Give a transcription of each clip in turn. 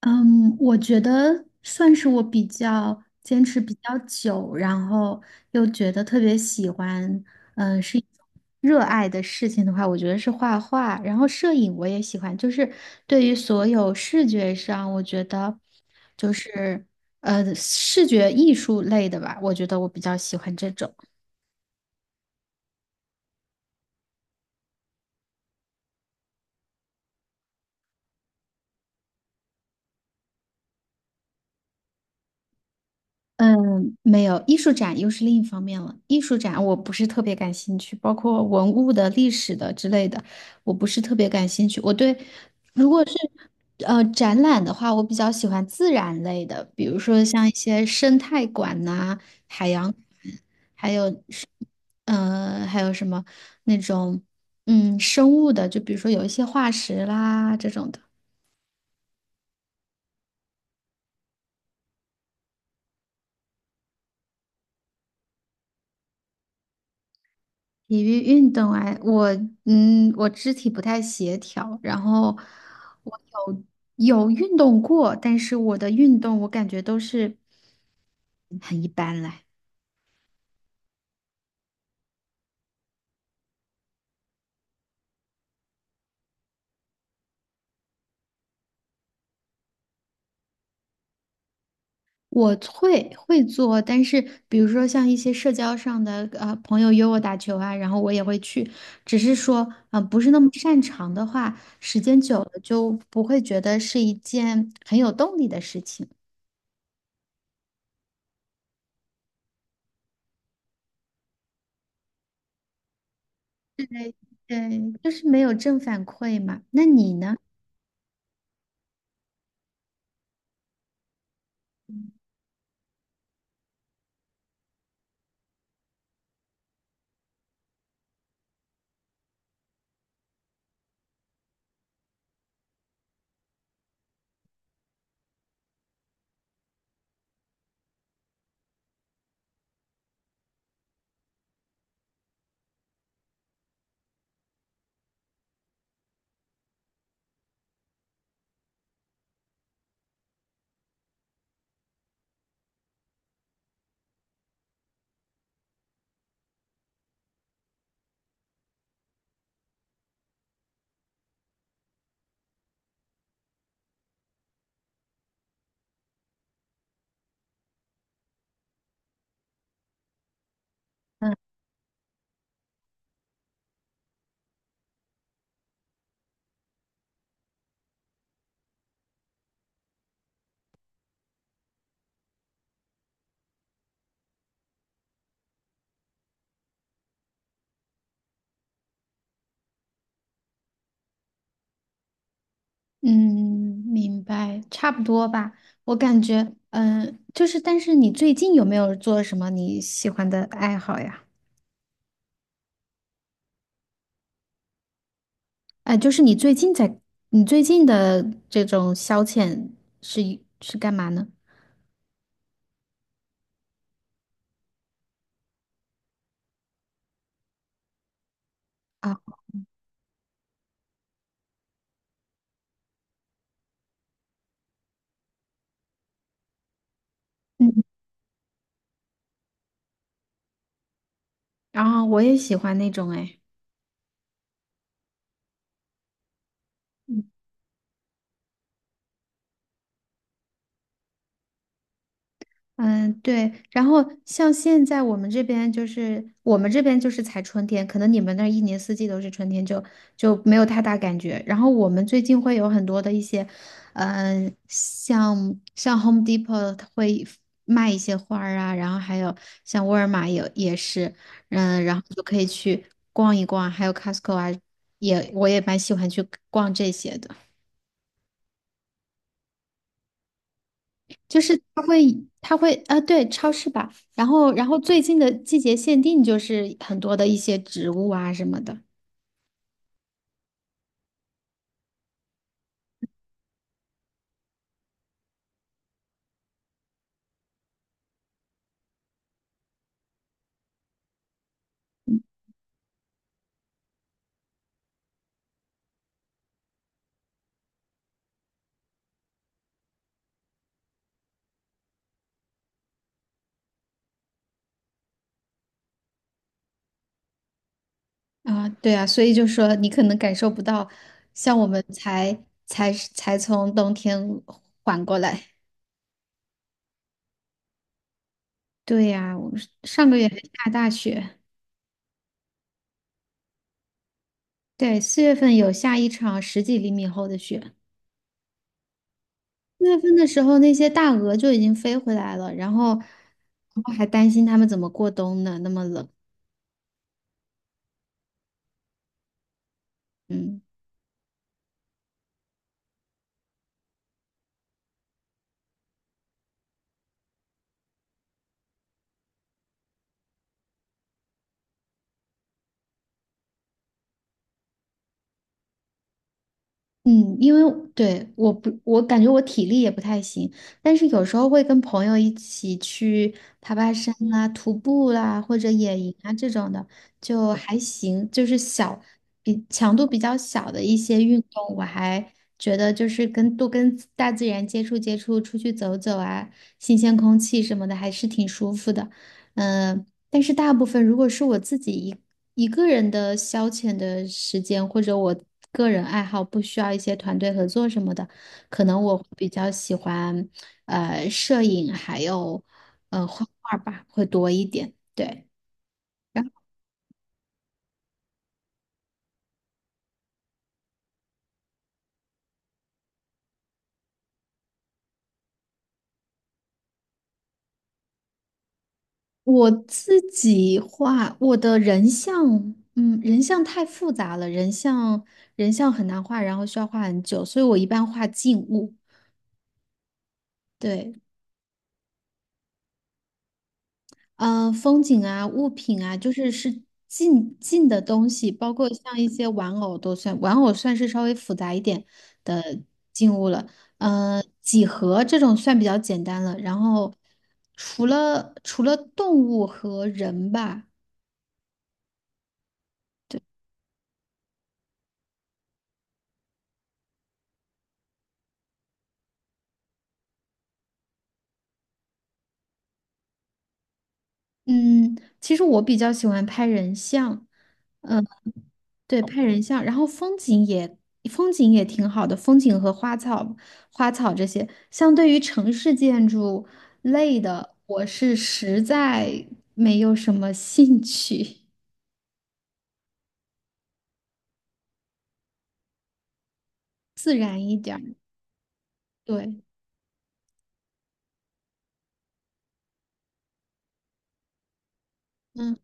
嗯，我觉得算是我比较坚持比较久，然后又觉得特别喜欢，是一种热爱的事情的话，我觉得是画画，然后摄影我也喜欢，就是对于所有视觉上，我觉得就是视觉艺术类的吧，我觉得我比较喜欢这种。嗯，没有，艺术展又是另一方面了。艺术展我不是特别感兴趣，包括文物的、历史的之类的，我不是特别感兴趣。我对，如果是展览的话，我比较喜欢自然类的，比如说像一些生态馆呐、海洋馆，还有是还有什么那种生物的，就比如说有一些化石啦这种的。体育运动啊，我我肢体不太协调，然后我有运动过，但是我的运动我感觉都是很一般啦。我会做，但是比如说像一些社交上的朋友约我打球啊，然后我也会去，只是说不是那么擅长的话，时间久了就不会觉得是一件很有动力的事情。对，就是没有正反馈嘛。那你呢？嗯，明白，差不多吧。我感觉，就是，但是你最近有没有做什么你喜欢的爱好呀？就是你最近在，你最近的这种消遣是是干嘛呢？啊，嗯，然后我也喜欢那种，哎。嗯，对。然后像现在我们这边就是才春天，可能你们那儿一年四季都是春天就，就没有太大感觉。然后我们最近会有很多的一些，像 Home Depot 它会卖一些花儿啊，然后还有像沃尔玛也是，嗯，然后就可以去逛一逛，还有 Costco 啊，我也蛮喜欢去逛这些的。就是它会，它会，啊，对，超市吧。然后，然后最近的季节限定就是很多的一些植物啊什么的，啊，对啊，所以就说你可能感受不到，像我们才从冬天缓过来。对呀，我是上个月还下大雪，对，四月份有下一场十几厘米厚的雪。四月份的时候，那些大鹅就已经飞回来了，然后，然后还担心它们怎么过冬呢？那么冷，嗯。嗯，因为对我不，我感觉我体力也不太行，但是有时候会跟朋友一起去爬爬山啊、徒步啦，或者野营啊这种的，就还行，就是小，比强度比较小的一些运动，我还觉得就是跟大自然接触接触，出去走走啊，新鲜空气什么的，还是挺舒服的。但是大部分如果是我自己一个人的消遣的时间，或者我个人爱好不需要一些团队合作什么的，可能我会比较喜欢摄影，还有画画吧，会多一点。对，然后我自己画我的人像，嗯，人像太复杂了，人像很难画，然后需要画很久，所以我一般画静物。对，风景啊、物品啊，是近近的东西，包括像一些玩偶都算，玩偶算是稍微复杂一点的静物了。嗯，几何这种算比较简单了。然后除了动物和人吧，嗯，其实我比较喜欢拍人像，嗯。对，拍人像，然后风景也挺好的，风景和花草这些，相对于城市建筑类的，我是实在没有什么兴趣，自然一点儿。对，嗯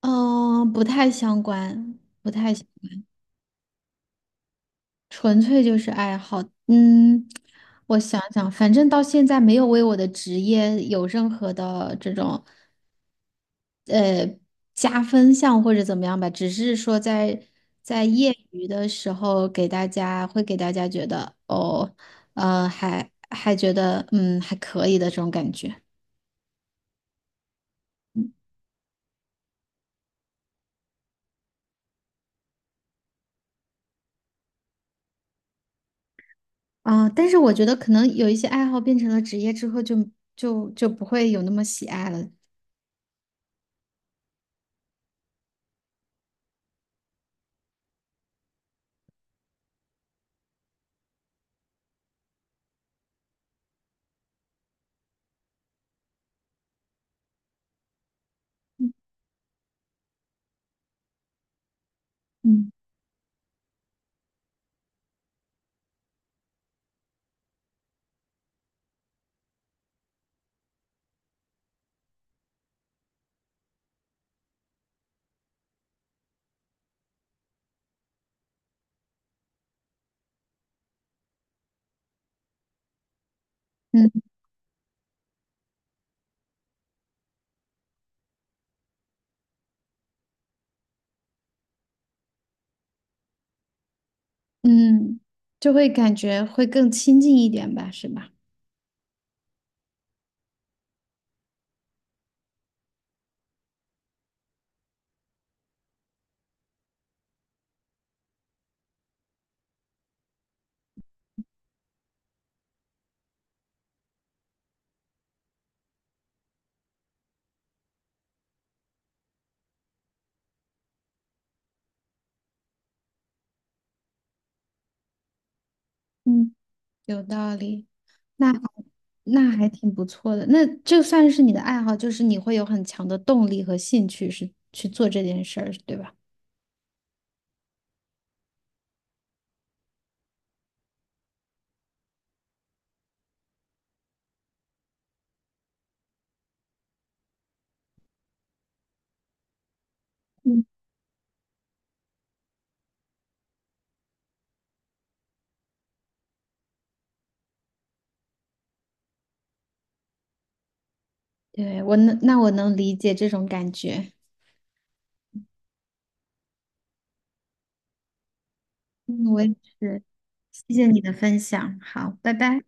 嗯，呃不太相关，不太相纯粹就是爱好。嗯，我想想，反正到现在没有为我的职业有任何的这种。呃加分项或者怎么样吧，只是说在业余的时候给大家会给大家觉得哦，呃，还觉得嗯还可以的这种感觉。啊，但是我觉得可能有一些爱好变成了职业之后就，就不会有那么喜爱了。嗯嗯嗯，就会感觉会更亲近一点吧，是吧？嗯，有道理。那还那还挺不错的。那这算是你的爱好，就是你会有很强的动力和兴趣是去做这件事儿，对吧？嗯对，那我能理解这种感觉。嗯，我也是。谢谢你的分享，好，拜拜。